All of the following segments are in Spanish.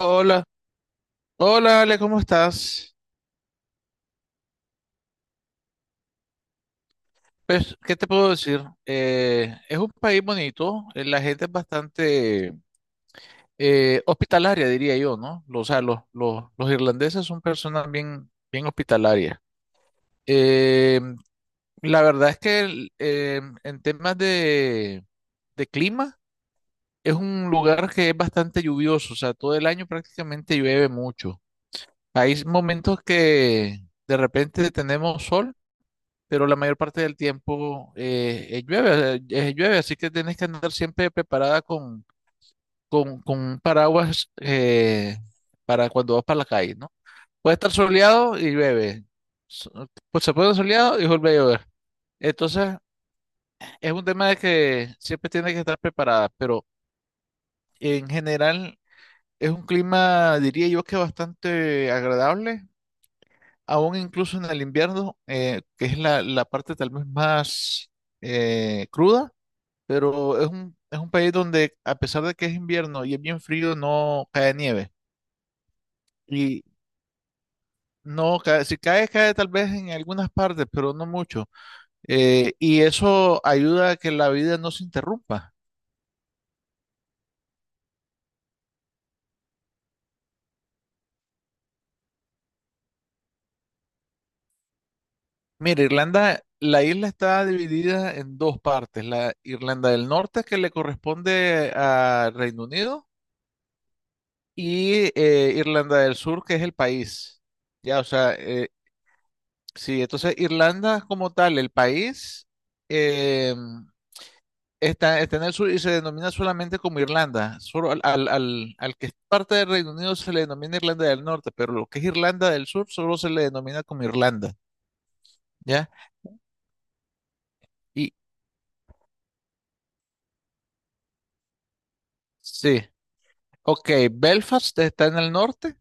Hola, hola Ale, ¿cómo estás? Pues, ¿qué te puedo decir? Es un país bonito, la gente es bastante hospitalaria, diría yo, ¿no? O sea, los irlandeses son personas bien hospitalarias. Eh, la verdad es que en temas de clima, es un lugar que es bastante lluvioso, o sea, todo el año prácticamente llueve mucho. Hay momentos que de repente tenemos sol, pero la mayor parte del tiempo llueve, llueve, así que tienes que andar siempre preparada con, con un paraguas para cuando vas para la calle, ¿no? Puede estar soleado y llueve. So- Pues se puede soleado y vuelve a llover. Entonces, es un tema de que siempre tienes que estar preparada, pero en general es un clima, diría yo, que bastante agradable, aún incluso en el invierno, que es la, la parte tal vez más cruda. Pero es un país donde, a pesar de que es invierno y es bien frío, no cae nieve. Y no cae, si cae, cae tal vez en algunas partes, pero no mucho. Y eso ayuda a que la vida no se interrumpa. Mira, Irlanda, la isla está dividida en dos partes: la Irlanda del Norte, que le corresponde a Reino Unido, y Irlanda del Sur, que es el país. Ya, o sea, sí, entonces Irlanda como tal, el país. em, Está, está en el sur y se denomina solamente como Irlanda. Solo al que es parte del Reino Unido se le denomina Irlanda del Norte, pero lo que es Irlanda del Sur solo se le denomina como Irlanda, ¿ya? Y sí, ok, Belfast está en el norte,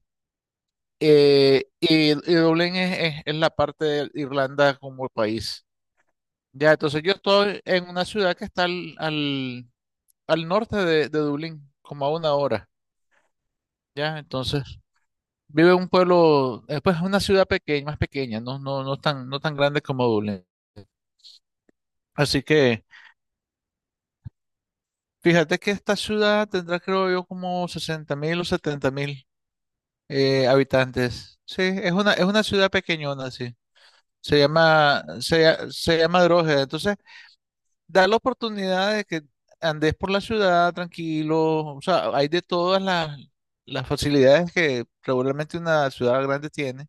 y Dublín es la parte de Irlanda como país, ¿ya? Entonces yo estoy en una ciudad que está al norte de Dublín, como a una hora, ¿ya? Entonces... vive en un pueblo, pues una ciudad pequeña, más pequeña, no tan, no tan grande como Dublín. Así que fíjate que esta ciudad tendrá, creo yo, como 60.000 o 70.000 habitantes. Sí, es una ciudad pequeñona, sí. Se llama Drogheda. Entonces, da la oportunidad de que andes por la ciudad tranquilo. O sea, hay de todas las facilidades que regularmente una ciudad grande tiene.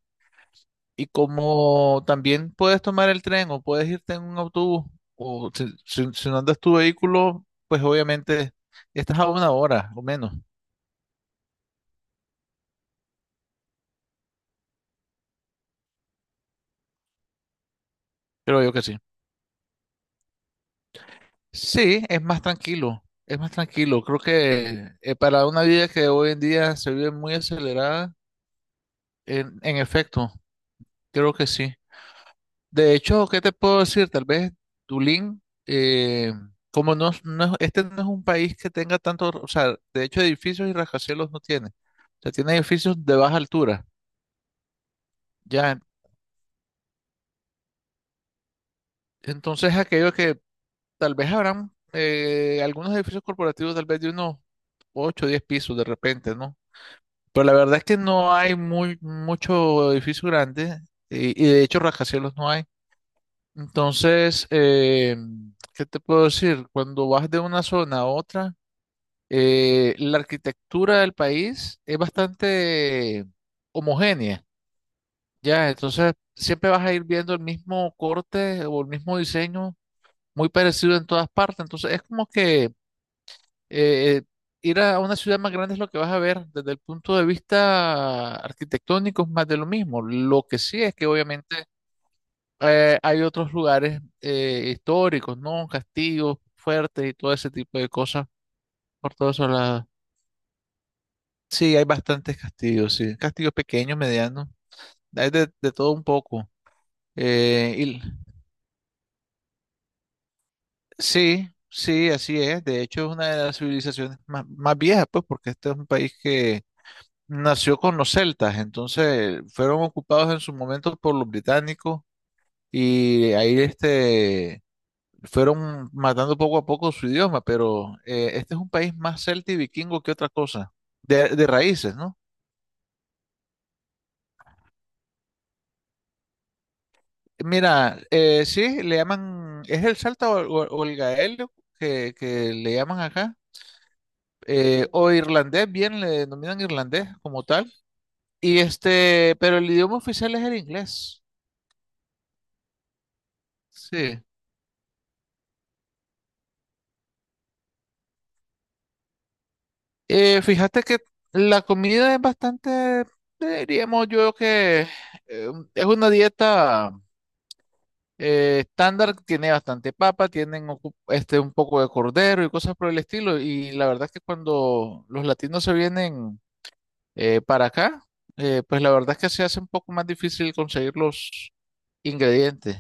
Y como también puedes tomar el tren o puedes irte en un autobús, o si, si no andas tu vehículo, pues obviamente estás a una hora o menos, creo yo que sí. Sí, es más tranquilo, es más tranquilo. Creo que para una vida que hoy en día se vive muy acelerada, en efecto, creo que sí. De hecho, ¿qué te puedo decir? Tal vez Tulín, como no, este no es un país que tenga tanto, o sea, de hecho edificios y rascacielos no tiene. O sea, tiene edificios de baja altura. Ya, entonces aquello que tal vez habrán algunos edificios corporativos tal vez de unos 8 o 10 pisos de repente, ¿no? Pero la verdad es que no hay muy, mucho edificio grande y de hecho rascacielos no hay. Entonces, ¿qué te puedo decir? Cuando vas de una zona a otra, la arquitectura del país es bastante homogénea, ya, entonces siempre vas a ir viendo el mismo corte o el mismo diseño muy parecido en todas partes, entonces es como que eh, ir a una ciudad más grande es lo que vas a ver desde el punto de vista arquitectónico, es más de lo mismo. Lo que sí es que obviamente hay otros lugares históricos, ¿no? Castillos fuertes y todo ese tipo de cosas por todas. Sí, hay bastantes castillos, sí. Castillos pequeños, medianos. Hay de todo un poco. Eh, y, sí, sí, así es. De hecho, es una de las civilizaciones más, más viejas, pues, porque este es un país que nació con los celtas. Entonces, fueron ocupados en su momento por los británicos y ahí este, fueron matando poco a poco su idioma. Pero este es un país más celta y vikingo que otra cosa. De raíces, ¿no? Mira, sí, le llaman, es el Salta o el gaelio que le llaman acá, o irlandés, bien le denominan irlandés como tal, y este, pero el idioma oficial es el inglés, sí. Fíjate que la comida es bastante, diríamos yo que es una dieta estándar, tiene bastante papa, tienen este, un poco de cordero y cosas por el estilo, y la verdad es que cuando los latinos se vienen para acá, pues la verdad es que se hace un poco más difícil conseguir los ingredientes.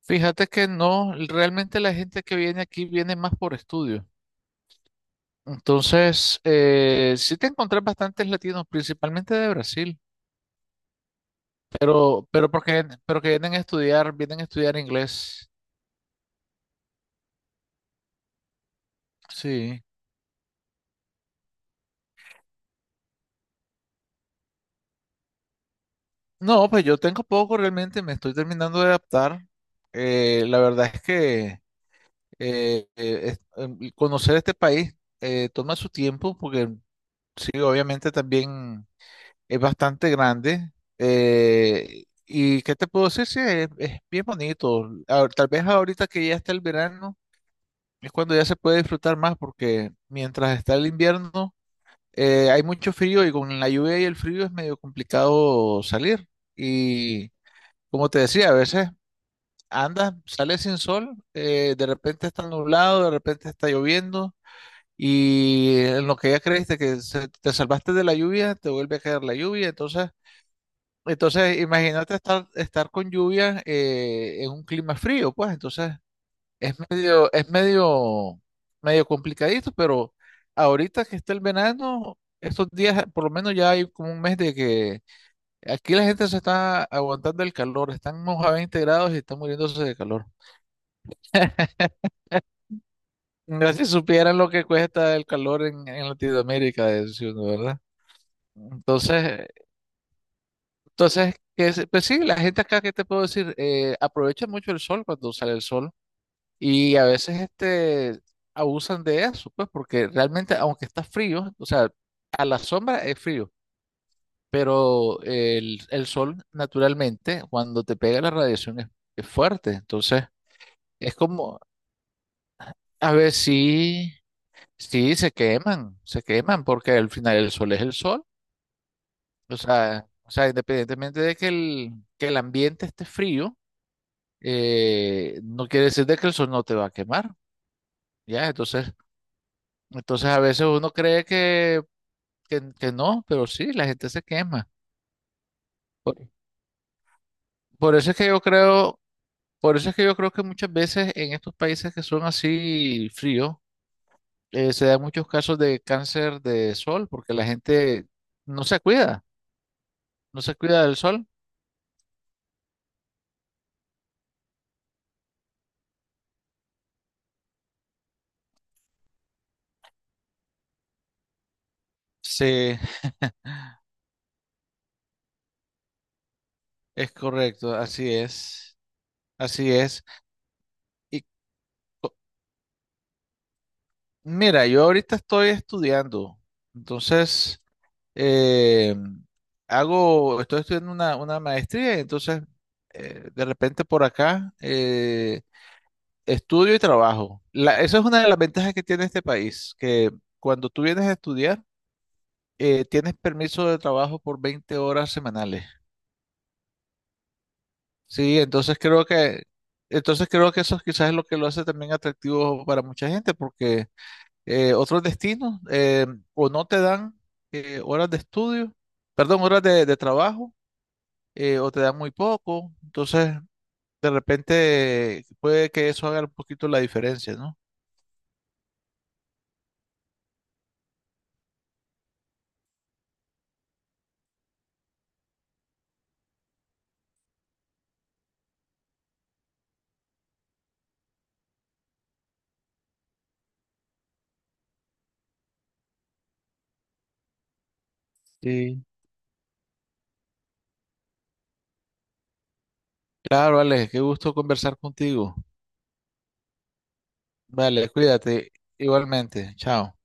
Fíjate que no, realmente la gente que viene aquí viene más por estudio. Entonces, sí te encontrás bastantes latinos, principalmente de Brasil, pero que vienen a estudiar inglés. Sí. No, pues yo tengo poco realmente, me estoy terminando de adaptar. La verdad es que conocer este país toma su tiempo porque sí, obviamente también es bastante grande. ¿Y qué te puedo decir? Sí, es bien bonito. Ah, tal vez ahorita que ya está el verano, es cuando ya se puede disfrutar más, porque mientras está el invierno, hay mucho frío y con la lluvia y el frío es medio complicado salir. Y como te decía, a veces andas, sales sin sol, de repente está nublado, de repente está lloviendo. Y en lo que ya creíste que te salvaste de la lluvia, te vuelve a caer la lluvia. Entonces, imagínate estar con lluvia en un clima frío, pues. Entonces, es medio, es medio, medio complicadito, pero ahorita que está el verano, estos días, por lo menos ya hay como un mes de que aquí la gente se está aguantando el calor, estamos a 20 grados y están muriéndose de calor. No, si supieran lo que cuesta el calor en Latinoamérica, de ¿verdad? Entonces, pues sí, la gente acá, ¿qué te puedo decir? Aprovecha mucho el sol cuando sale el sol y a veces este, abusan de eso, pues porque realmente aunque está frío, o sea, a la sombra es frío, pero el sol naturalmente cuando te pega la radiación es fuerte, entonces es como, a ver si, sí, sí, se queman porque al final el sol es el sol, o sea, independientemente de que el ambiente esté frío. No quiere decir de que el sol no te va a quemar, ¿ya? Entonces, a veces uno cree que no, pero sí, la gente se quema. Por, por eso es que yo creo, por eso es que yo creo que muchas veces en estos países que son así fríos, se dan muchos casos de cáncer de sol, porque la gente no se cuida, no se cuida del sol. Sí, es correcto, así es, así es. Y co- Mira, yo ahorita estoy estudiando, entonces... eh, estoy estudiando una maestría y entonces de repente por acá estudio y trabajo. Esa es una de las ventajas que tiene este país, que cuando tú vienes a estudiar, tienes permiso de trabajo por 20 horas semanales. Sí, entonces creo que eso quizás es lo que lo hace también atractivo para mucha gente, porque otros destinos o no te dan horas de estudio, perdón, horas de trabajo o te dan muy poco. Entonces, de repente puede que eso haga un poquito la diferencia, ¿no? Sí. Claro, Alex, qué gusto conversar contigo. Vale, cuídate igualmente. Chao.